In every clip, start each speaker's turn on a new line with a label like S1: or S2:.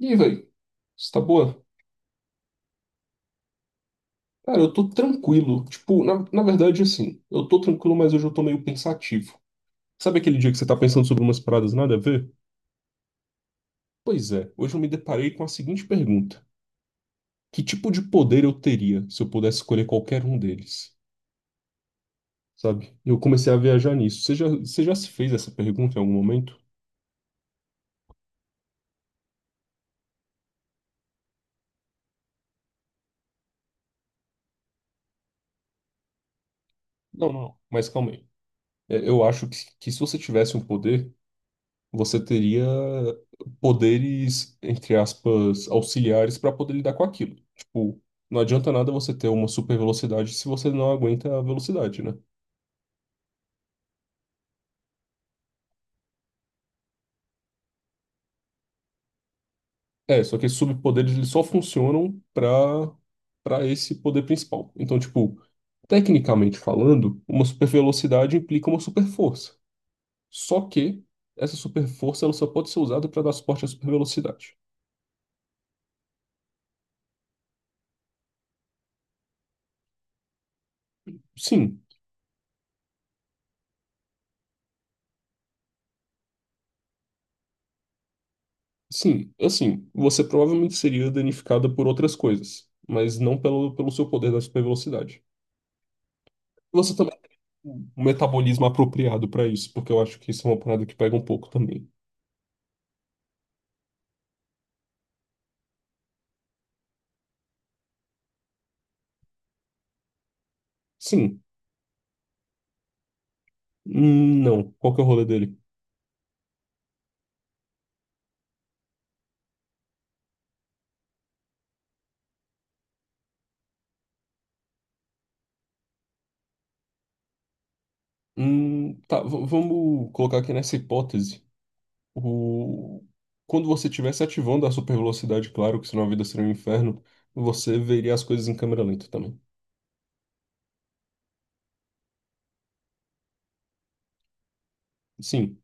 S1: E aí, velho? Você tá boa? Cara, eu tô tranquilo. Tipo, na verdade, assim, eu tô tranquilo, mas hoje eu tô meio pensativo. Sabe aquele dia que você tá pensando sobre umas paradas nada a ver? Pois é, hoje eu me deparei com a seguinte pergunta: que tipo de poder eu teria se eu pudesse escolher qualquer um deles? Sabe? E eu comecei a viajar nisso. Você já se fez essa pergunta em algum momento? Não, não, não. Mas calma aí. É, eu acho que se você tivesse um poder. Você teria poderes, entre aspas, auxiliares para poder lidar com aquilo. Tipo, não adianta nada você ter uma super velocidade se você não aguenta a velocidade, né? É, só que esses superpoderes eles só funcionam para esse poder principal. Então, tipo, tecnicamente falando, uma super velocidade implica uma super força. Só que essa super força ela só pode ser usada para dar suporte à super velocidade. Sim. Sim, assim, você provavelmente seria danificada por outras coisas, mas não pelo seu poder da super velocidade. Você também tem um metabolismo apropriado pra isso, porque eu acho que isso é uma parada que pega um pouco também. Sim. Não. Qual que é o rolê dele? Tá, vamos colocar aqui nessa hipótese. O... Quando você estivesse ativando a super velocidade, claro que senão a vida seria um inferno, você veria as coisas em câmera lenta também. Sim.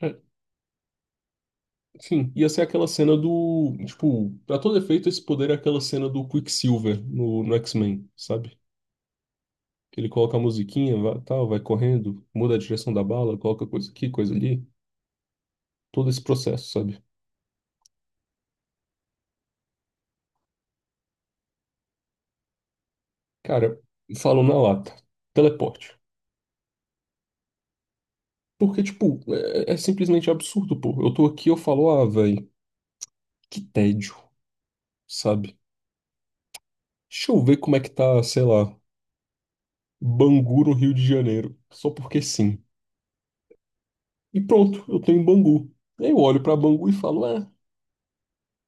S1: É, sim, ia ser aquela cena do. Tipo, pra todo efeito, esse poder é aquela cena do Quicksilver no X-Men, sabe? Ele coloca a musiquinha, vai, tal, vai correndo, muda a direção da bala, coloca coisa aqui, coisa ali. Todo esse processo, sabe? Cara, falo na lata. Teleporte. Porque, tipo, é simplesmente absurdo, pô. Eu tô aqui, eu falo, ah, velho, que tédio, sabe? Deixa eu ver como é que tá, sei lá, Bangu no Rio de Janeiro. Só porque sim. E pronto, eu tô em Bangu. Aí eu olho pra Bangu e falo, é.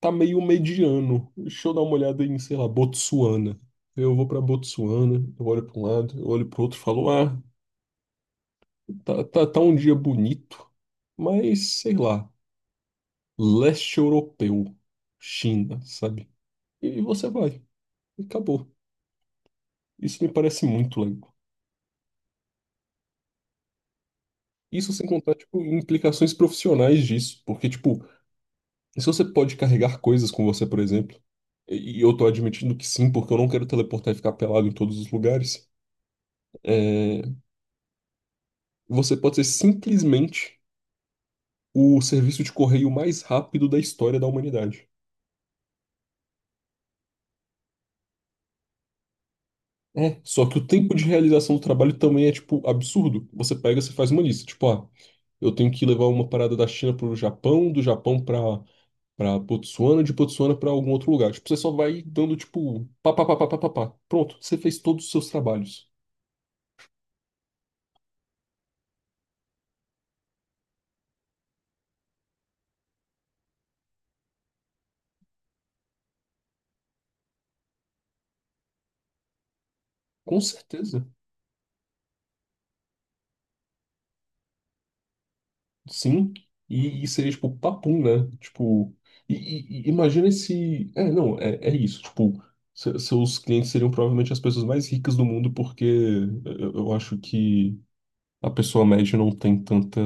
S1: Tá meio mediano. Deixa eu dar uma olhada em, sei lá, Botsuana. Eu vou pra Botsuana, eu olho pra um lado, eu olho pro outro e falo, ah, tá, tá, tá um dia bonito, mas sei lá, leste europeu, China, sabe? E você vai, e acabou. Isso me parece muito legal. Isso sem contar, tipo, implicações profissionais disso, porque, tipo, se você pode carregar coisas com você, por exemplo, e eu tô admitindo que sim, porque eu não quero teleportar e ficar pelado em todos os lugares. É. Você pode ser simplesmente o serviço de correio mais rápido da história da humanidade. É, só que o tempo de realização do trabalho também é, tipo, absurdo. Você pega, você faz uma lista, tipo, ah, eu tenho que levar uma parada da China pro Japão, do Japão pra, pra Botsuana, de Botsuana pra algum outro lugar. Tipo, você só vai dando, tipo, pá, pá, pá, pá, pá, pá, pá. Pronto, você fez todos os seus trabalhos. Com certeza. Sim, e seria tipo papum, né? Tipo, e, e imagina se. É, não, é, é isso. Tipo, seus clientes seriam provavelmente as pessoas mais ricas do mundo, porque eu acho que a pessoa média não tem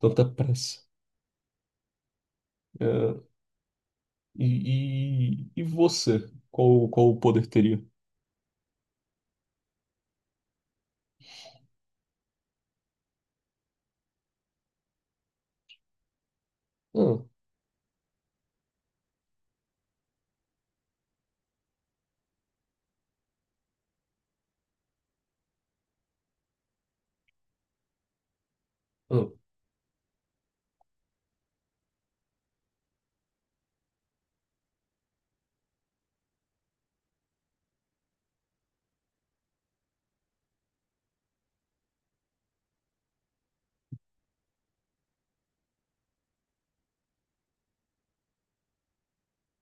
S1: tanta pressa. É, e você? Qual o poder teria? Ah, ah,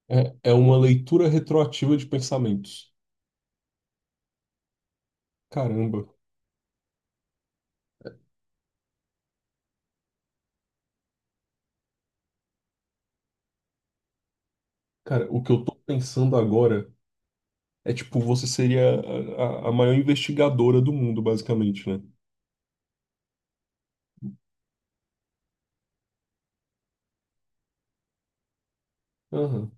S1: é, é uma leitura retroativa de pensamentos. Caramba, cara, o que eu tô pensando agora. É tipo, você seria a, a maior investigadora do mundo, basicamente, né? Aham.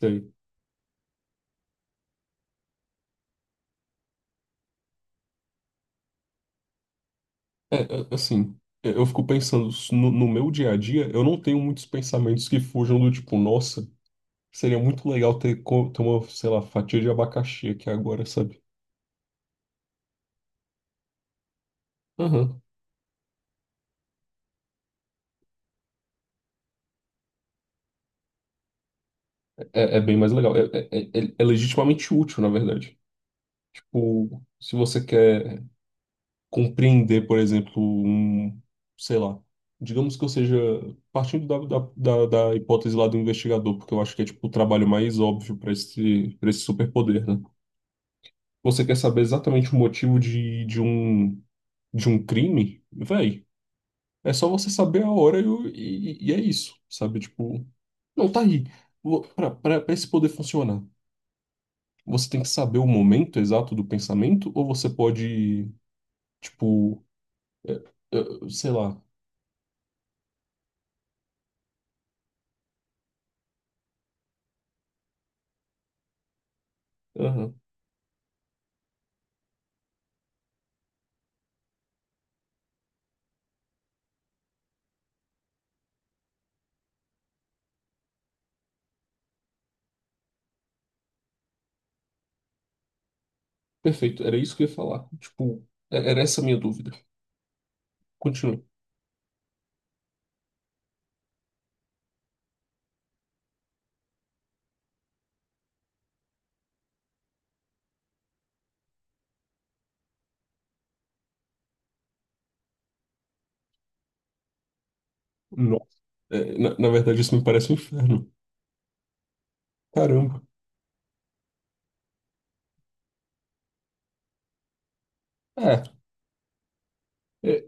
S1: Sei. É, é, assim, é, eu fico pensando, no, no meu dia a dia, eu não tenho muitos pensamentos que fujam do tipo, nossa, seria muito legal ter, ter uma, sei lá, fatia de abacaxi aqui agora, sabe? Aham. É, é bem mais legal. É, é, é, é legitimamente útil, na verdade. Tipo, se você quer. Compreender, por exemplo, um, sei lá, digamos que eu seja, partindo da hipótese lá do investigador, porque eu acho que é tipo o trabalho mais óbvio para esse superpoder, né? Você quer saber exatamente o motivo de um crime? Véi, é só você saber a hora e, e é isso, sabe? Tipo, não, tá aí. Para esse poder funcionar, você tem que saber o momento exato do pensamento ou você pode, tipo, sei lá. Perfeito, era isso que eu ia falar. Tipo, era essa a minha dúvida. Continua. Nossa. É, na verdade, isso me parece um inferno. Caramba. É, é,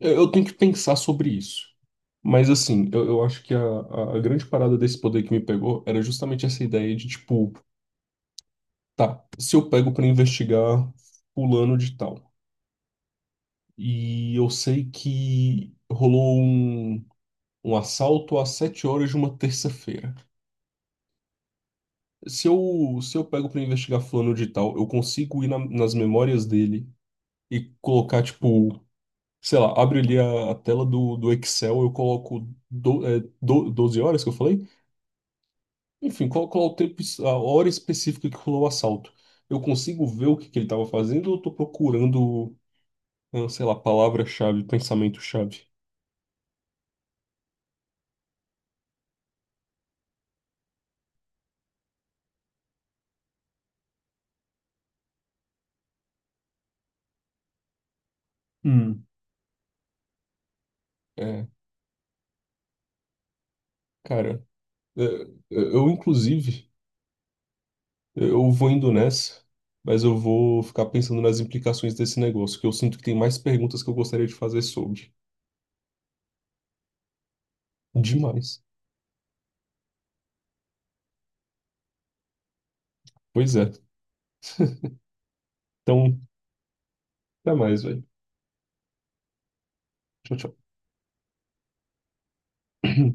S1: eu tenho que pensar sobre isso. Mas, assim, eu acho que a, a grande parada desse poder que me pegou era justamente essa ideia de, tipo, tá, se eu pego pra investigar fulano de tal, e eu sei que rolou um, um assalto às 7 horas de uma terça-feira. Se eu pego pra investigar fulano de tal, eu consigo ir nas memórias dele e colocar, tipo, sei lá, abre ali a tela do Excel, eu coloco do, é, 12 horas que eu falei? Enfim, coloco lá o tempo, a hora específica que rolou o assalto. Eu consigo ver o que, que ele tava fazendo ou eu tô procurando, ah, sei lá, palavra-chave, pensamento-chave? Hum. É, cara, é, eu, inclusive. Eu vou indo nessa, mas eu vou ficar pensando nas implicações desse negócio, que eu sinto que tem mais perguntas que eu gostaria de fazer sobre. Demais. Pois é. Então, até mais, velho. Tchau, tchau.